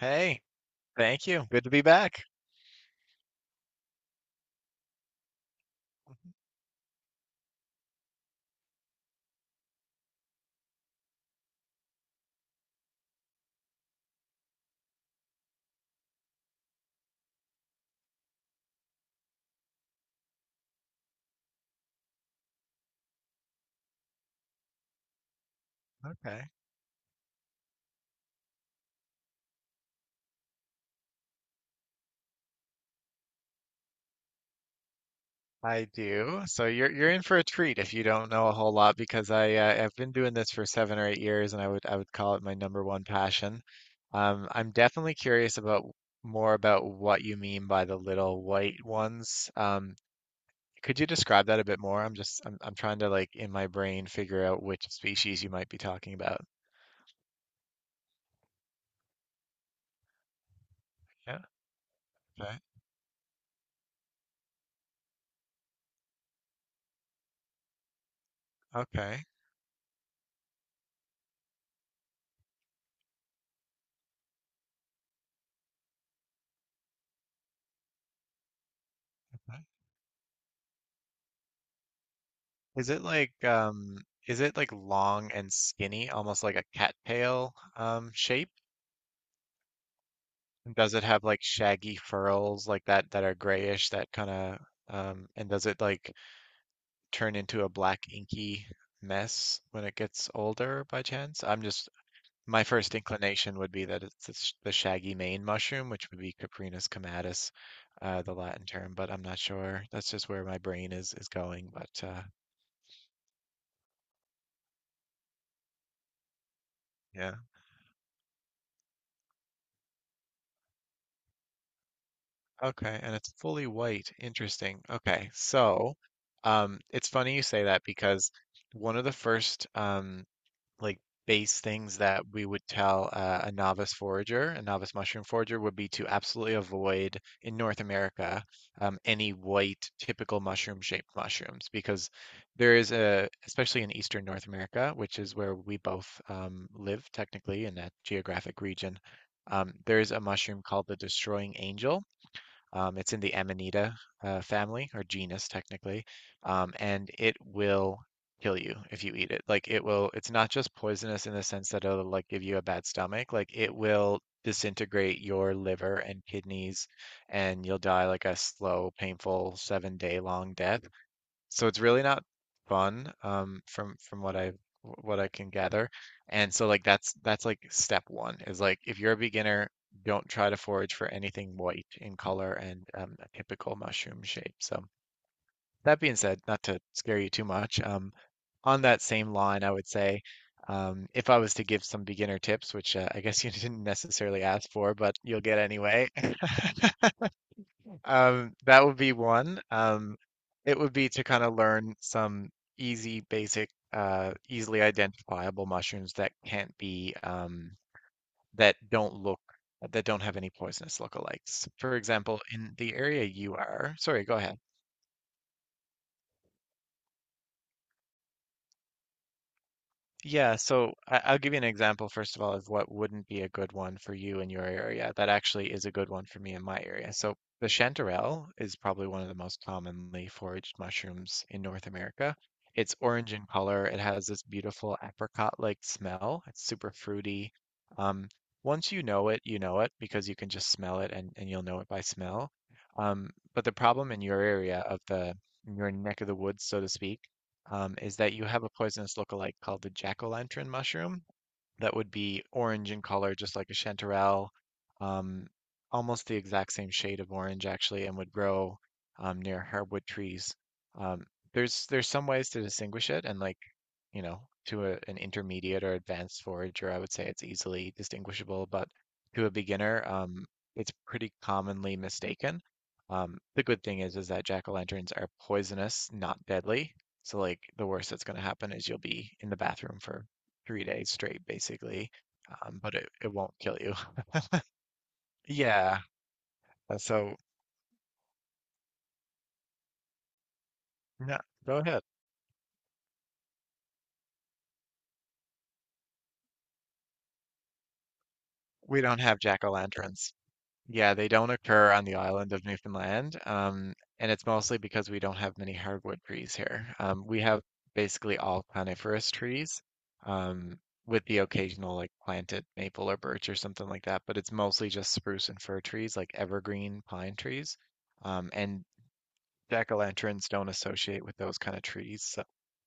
Hey, thank you. Good to be back. Okay. I do. So you're in for a treat if you don't know a whole lot because I've been doing this for 7 or 8 years and I would call it my number one passion. I'm definitely curious about more about what you mean by the little white ones. Could you describe that a bit more? I'm just I'm trying to like in my brain figure out which species you might be talking about. Yeah. Okay. Okay. Is it like um is it like long and skinny, almost like a cattail shape? And does it have like shaggy furls like that that are grayish that kind of and does it like turn into a black inky mess when it gets older by chance? I'm just My first inclination would be that it's the the shaggy mane mushroom, which would be Caprinus comatus, the Latin term, but I'm not sure. That's just where my brain is going, but yeah. Okay, and it's fully white. Interesting. Okay, so it's funny you say that because one of the first like base things that we would tell a novice forager, a novice mushroom forager, would be to absolutely avoid in North America any white typical mushroom-shaped mushrooms because there is a, especially in Eastern North America, which is where we both live technically in that geographic region. There is a mushroom called the destroying angel it's in the Amanita family or genus technically, and it will kill you if you eat it. Like it will, it's not just poisonous in the sense that it'll like give you a bad stomach. Like it will disintegrate your liver and kidneys, and you'll die like a slow, painful 7 day long death so it's really not fun from what I can gather. And so like that's like step one is like if you're a beginner, don't try to forage for anything white in color and a typical mushroom shape. So that being said, not to scare you too much, on that same line, I would say if I was to give some beginner tips, which I guess you didn't necessarily ask for, but you'll get anyway, that would be one. It would be to kind of learn some easy, basic, easily identifiable mushrooms that can't be, that don't look, that don't have any poisonous lookalikes. For example, in the area you are, sorry, go ahead. Yeah, so I'll give you an example, first of all, of what wouldn't be a good one for you in your area. That actually is a good one for me in my area. So the chanterelle is probably one of the most commonly foraged mushrooms in North America. It's orange in color. It has this beautiful apricot-like smell. It's super fruity. Um, Once you know it because you can just smell it and you'll know it by smell. But the problem in your area in your neck of the woods, so to speak, is that you have a poisonous lookalike called the jack-o'-lantern mushroom that would be orange in color, just like a chanterelle, um, almost the exact same shade of orange actually, and would grow near hardwood trees. Um, there's some ways to distinguish it, and like you know, to a, an intermediate or advanced forager, I would say it's easily distinguishable, but to a beginner, it's pretty commonly mistaken. The good thing is that jack-o'-lanterns are poisonous, not deadly. So like the worst that's going to happen is you'll be in the bathroom for 3 days straight, basically. But it won't kill you. Yeah. So no, go ahead. We don't have jack-o'-lanterns. Yeah, they don't occur on the island of Newfoundland, and it's mostly because we don't have many hardwood trees here. We have basically all coniferous trees, um, with the occasional like planted maple or birch or something like that, but it's mostly just spruce and fir trees, like evergreen pine trees. And jack-o'-lanterns don't associate with those kind of trees,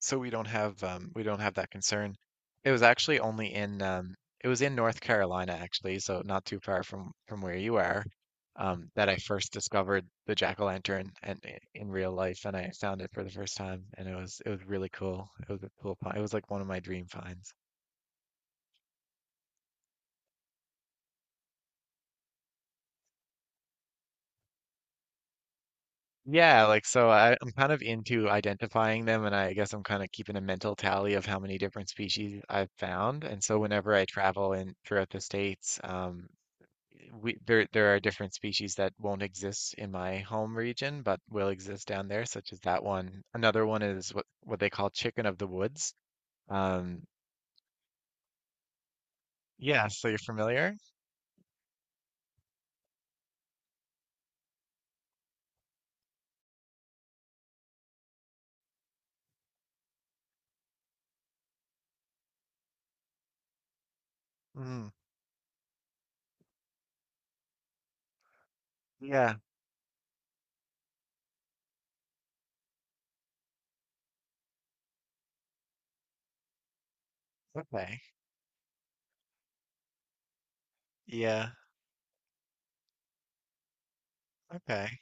so we don't have that concern. It was actually only in it was in North Carolina actually, so not too far from where you are, that I first discovered the jack-o'-lantern and in real life, and I found it for the first time, and it was really cool. It was a cool find. It was like one of my dream finds. Yeah, like so I'm kind of into identifying them, and I guess I'm kind of keeping a mental tally of how many different species I've found. And so whenever I travel in throughout the states, we there there are different species that won't exist in my home region but will exist down there such as that one. Another one is what they call chicken of the woods um yeah so you're familiar mm, yeah okay yeah okay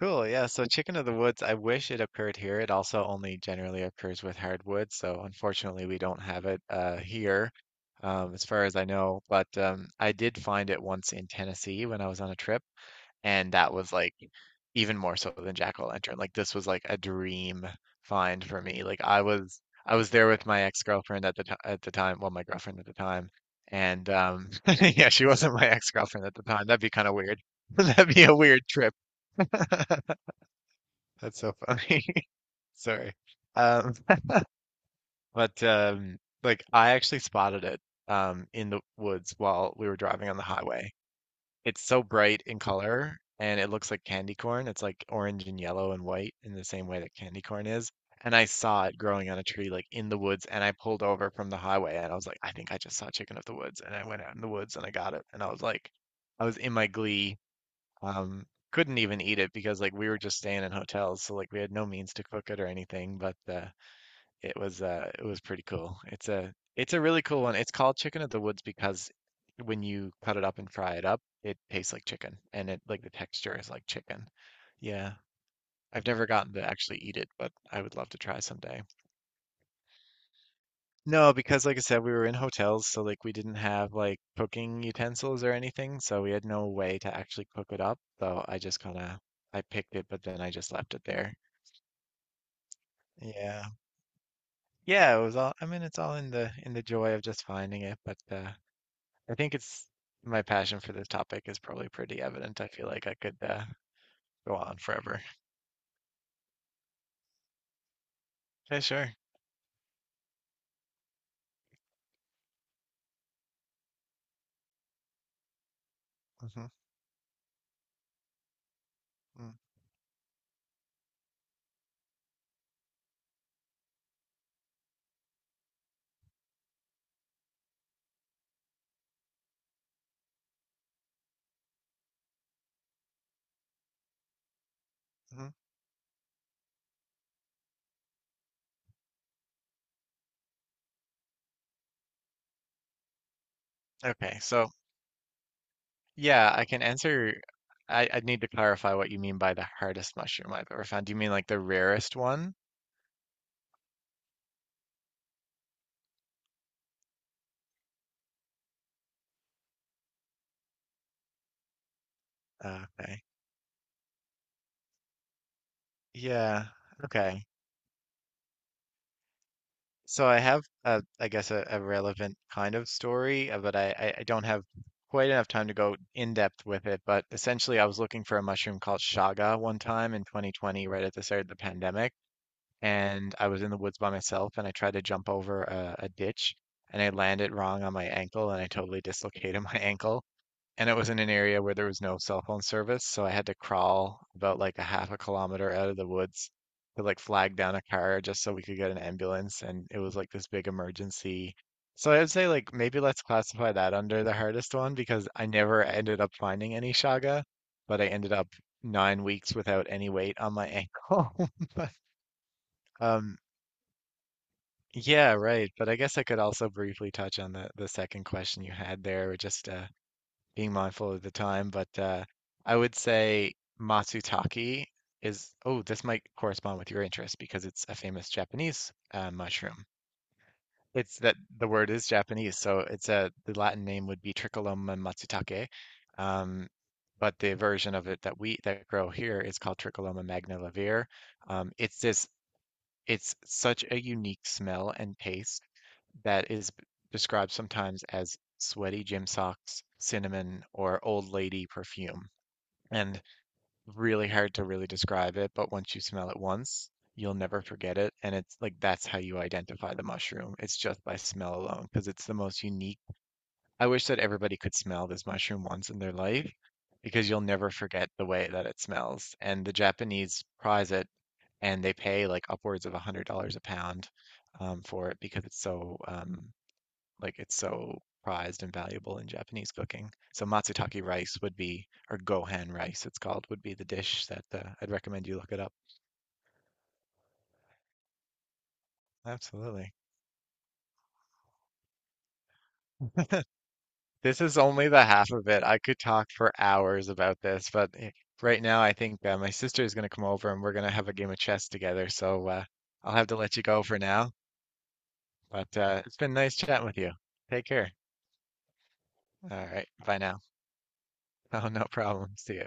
cool yeah so chicken of the woods I wish it occurred here. It also only generally occurs with hardwood so unfortunately we don't have it here as far as I know but I did find it once in Tennessee when I was on a trip and that was like even more so than jack o like, this was, like, a dream find for me, like, I was there with my ex-girlfriend at the ti at the time well, my girlfriend at the time, and, yeah, she wasn't my ex-girlfriend at the time, that'd be kinda weird. That'd be a weird trip. That's so funny. Sorry. Um, but, um, like, I actually spotted it, in the woods while we were driving on the highway. It's so bright in color and it looks like candy corn. It's like orange and yellow and white in the same way that candy corn is. And I saw it growing on a tree like in the woods and I pulled over from the highway and I was like, I think I just saw chicken of the woods. And I went out in the woods and I got it. And I was like, I was in my glee. Um, couldn't even eat it because like we were just staying in hotels, so like we had no means to cook it or anything, but it was it was pretty cool. It's a really cool one. It's called chicken of the woods because when you cut it up and fry it up, it tastes like chicken and it like the texture is like chicken. Yeah. I've never gotten to actually eat it, but I would love to try someday. No, because like I said, we were in hotels, so like we didn't have like cooking utensils or anything, so we had no way to actually cook it up. So I just kind of I picked it, but then I just left it there. Yeah. Yeah, it was all, I mean, it's all in the joy of just finding it, but I think it's my passion for this topic is probably pretty evident. I feel like I could go on forever. Yeah, sure. hmm hmm Okay, so yeah, I can answer. I need to clarify what you mean by the hardest mushroom I've ever found. Do you mean like the rarest one? Okay. Yeah. Okay. So I have a, I guess a relevant kind of story, but I don't have quite enough time to go in depth with it. But essentially, I was looking for a mushroom called shaga one time in 2020, right at the start of the pandemic, and I was in the woods by myself, and I tried to jump over a ditch, and I landed wrong on my ankle, and I totally dislocated my ankle and it was in an area where there was no cell phone service, so I had to crawl about like a half a kilometer out of the woods to like flag down a car just so we could get an ambulance, and it was like this big emergency. So I would say like maybe let's classify that under the hardest one because I never ended up finding any shaga, but I ended up 9 weeks without any weight on my ankle. But, um, yeah, right. But I guess I could also briefly touch on the second question you had there, just being mindful of the time, but I would say matsutake is, oh, this might correspond with your interest because it's a famous Japanese mushroom. It's that the word is Japanese, so it's a the Latin name would be Tricholoma matsutake, um, but the version of it that grow here is called Tricholoma magnivelare. Um, it's this, it's such a unique smell and taste that is described sometimes as sweaty gym socks, cinnamon, or old lady perfume. And really hard to really describe it, but once you smell it once, you'll never forget it. And it's like that's how you identify the mushroom. It's just by smell alone, because it's the most unique. I wish that everybody could smell this mushroom once in their life, because you'll never forget the way that it smells. And the Japanese prize it, and they pay like upwards of a $100 a pound for it because it's so like it's so prized and valuable in Japanese cooking. So matsutake rice would be, or gohan rice, it's called, would be the dish that I'd recommend you look it up. Absolutely. This is only the half of it. I could talk for hours about this, but eh, right now I think my sister is going to come over and we're going to have a game of chess together. So I'll have to let you go for now. But it's been nice chatting with you. Take care. All right. Bye now. Oh, no problem. See ya.